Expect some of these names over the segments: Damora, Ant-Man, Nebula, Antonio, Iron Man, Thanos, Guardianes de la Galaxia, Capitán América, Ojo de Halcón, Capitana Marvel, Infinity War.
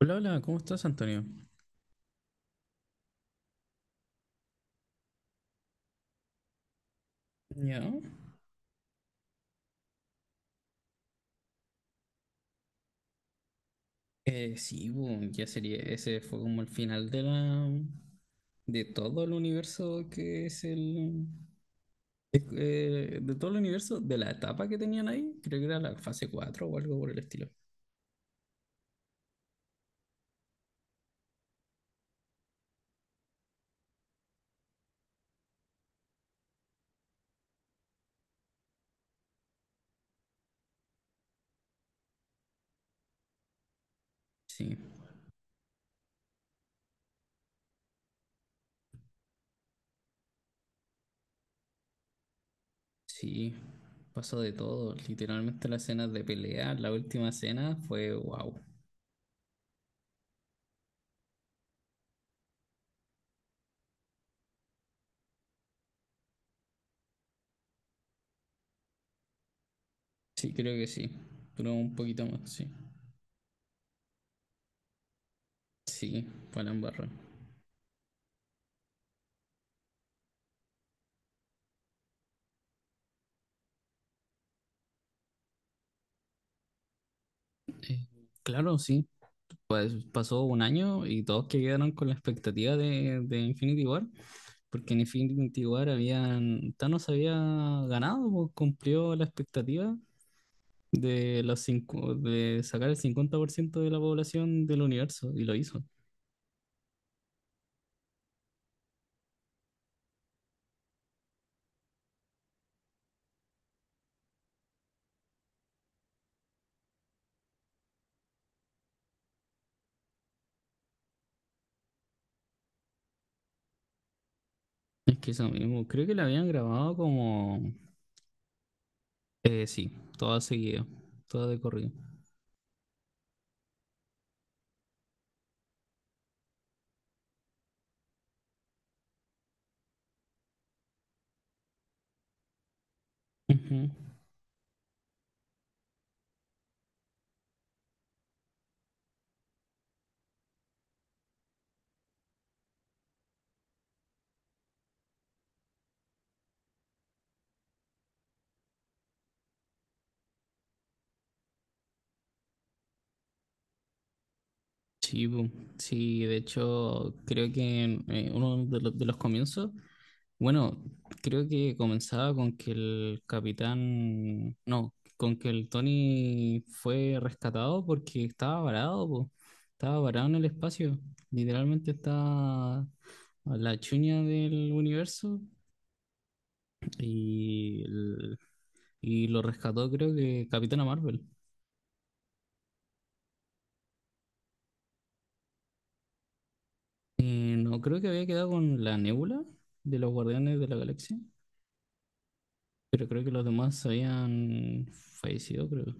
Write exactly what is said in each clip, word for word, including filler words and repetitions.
Hola, hola, ¿cómo estás, Antonio? Ya. Eh, sí, bu, ya sería. Ese fue como el final de la. De todo el universo que es el. es- eh, de todo el universo, de la etapa que tenían ahí. Creo que era la fase cuatro o algo por el estilo. Sí, sí. Pasó de todo. Literalmente las escenas de pelea, la última escena fue wow. Sí, creo que sí. Duró un poquito más, sí. Sí, fue la embarra. Eh, claro, sí. Pues pasó un año y todos que quedaron con la expectativa de, de Infinity War, porque en Infinity War habían, Thanos había ganado, pues, cumplió la expectativa de, los cincu- de sacar el cincuenta por ciento de la población del universo y lo hizo. Es que eso mismo, creo que la habían grabado como, eh, sí, toda seguida, toda de corrido. Ujú. Sí, bu- sí, de hecho creo que en, eh, uno de los de los comienzos. Bueno, creo que comenzaba con que el capitán, no, con que el Tony fue rescatado porque estaba varado, po. Estaba varado en el espacio. Literalmente estaba a la chuña del universo y, el- y lo rescató creo que Capitana Marvel. Eh, no, creo que había quedado con la Nebula de los Guardianes de la Galaxia, pero creo que los demás habían fallecido, creo.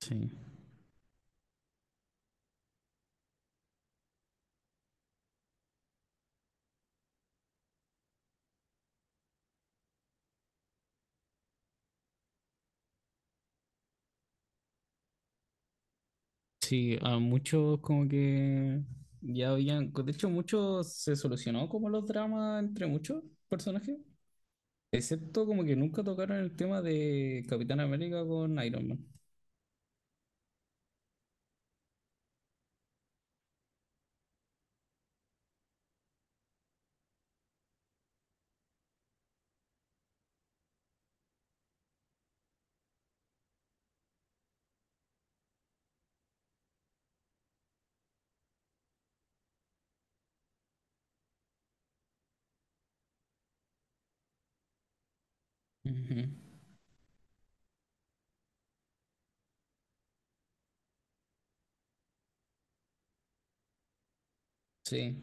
Sí. Sí, a muchos como que ya habían, de hecho muchos se solucionó como los dramas entre muchos personajes, excepto como que nunca tocaron el tema de Capitán América con Iron Man. Ujú. Sí,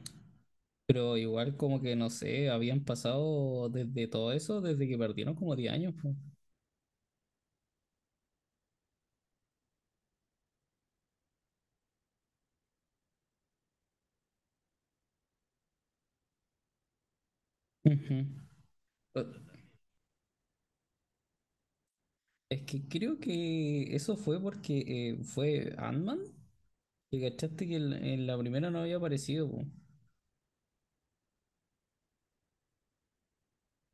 pero igual como que no sé, habían pasado desde todo eso, desde que perdieron como diez años, po. Ujú. Eh, Es que creo que eso fue porque eh, fue Ant-Man, que cachaste que en, en la primera no había aparecido, po,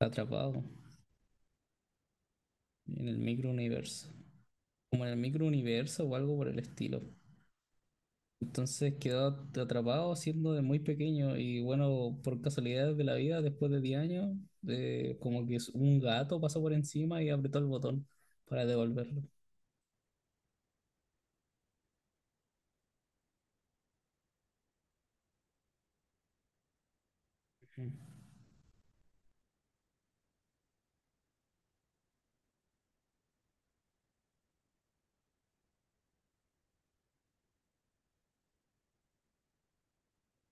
atrapado en el micro universo. Como en el microuniverso o algo por el estilo. Entonces quedó atrapado siendo de muy pequeño y bueno, por casualidades de la vida, después de diez años, eh, como que un gato pasó por encima y apretó el botón para devolverlo.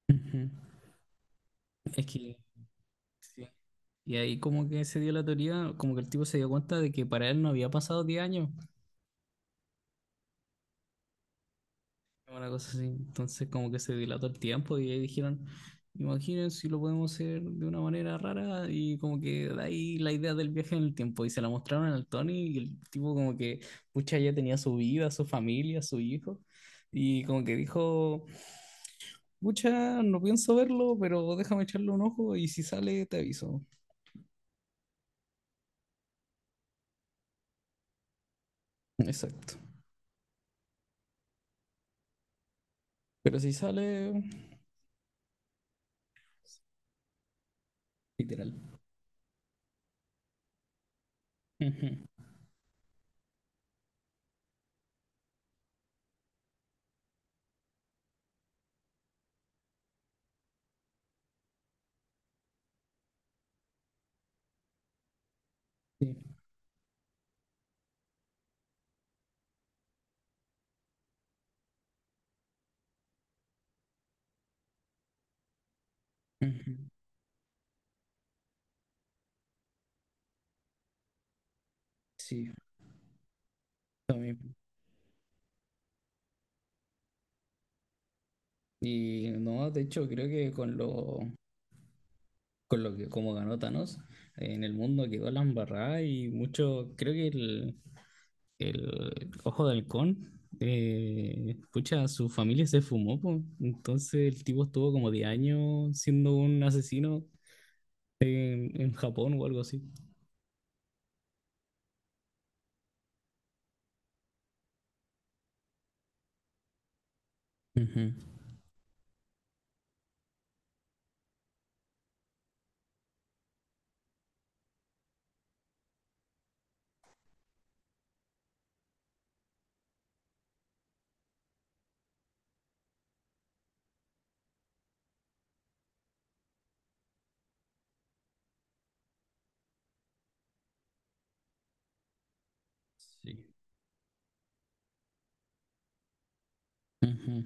Ujú. Es que... sí. Y ahí como que se dio la teoría, como que el tipo se dio cuenta de que para él no había pasado diez años. Una cosa así. Entonces como que se dilató el tiempo y ahí dijeron, imaginen si lo podemos hacer de una manera rara y como que de ahí la idea del viaje en el tiempo y se la mostraron al Tony y el tipo como que, pucha, ya tenía su vida, su familia, su hijo y como que dijo, pucha, no pienso verlo, pero déjame echarle un ojo y si sale te aviso. Exacto. Pero si sale, literal. Ujú. Sí. Ujú. Sí. Y no, de hecho creo que con lo con lo que como ganó Thanos, eh, en el mundo quedó la embarrada y mucho, creo que el, el Ojo de Halcón, eh, pucha, su familia se fumó, po. Entonces el tipo estuvo como diez años siendo un asesino en, en Japón o algo así. Ujú. Sí. Ujú.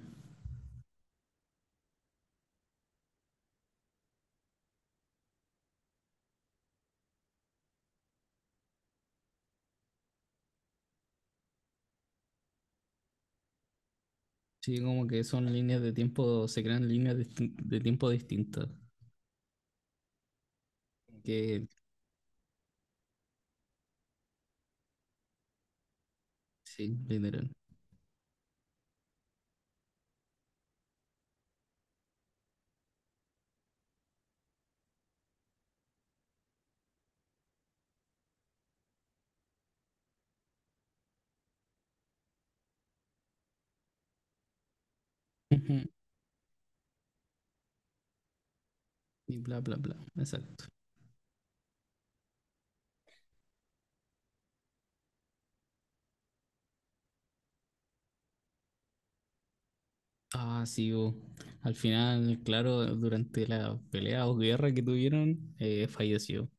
Sí, como que son líneas de tiempo, se crean líneas distin- de tiempo distintas. Que sí, literal. Ujú. Y bla, bla, bla. Exacto. Ah, sí, bo. Al final, claro, durante la pelea o guerra que tuvieron, eh, falleció.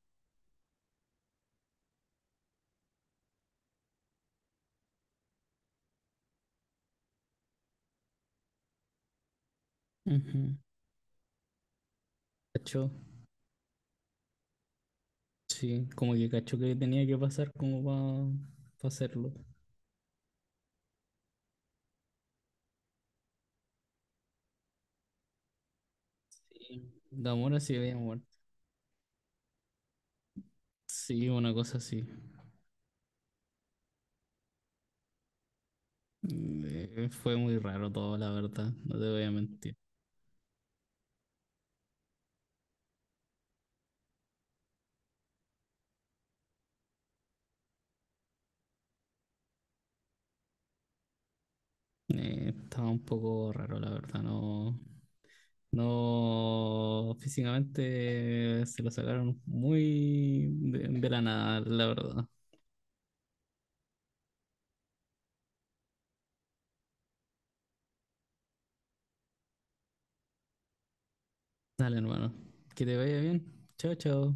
Ujú. ¿Cachó? Sí, como que cachó que tenía que pasar como para hacerlo. Y Damora sí había muerto. Sí, una cosa así. Eh, fue muy raro todo, la verdad, no te voy a mentir. Eh, estaba un poco raro, la verdad, no. No, físicamente se lo sacaron muy de, de la nada, la verdad. Dale, hermano. Que te vaya bien. Chao, chao.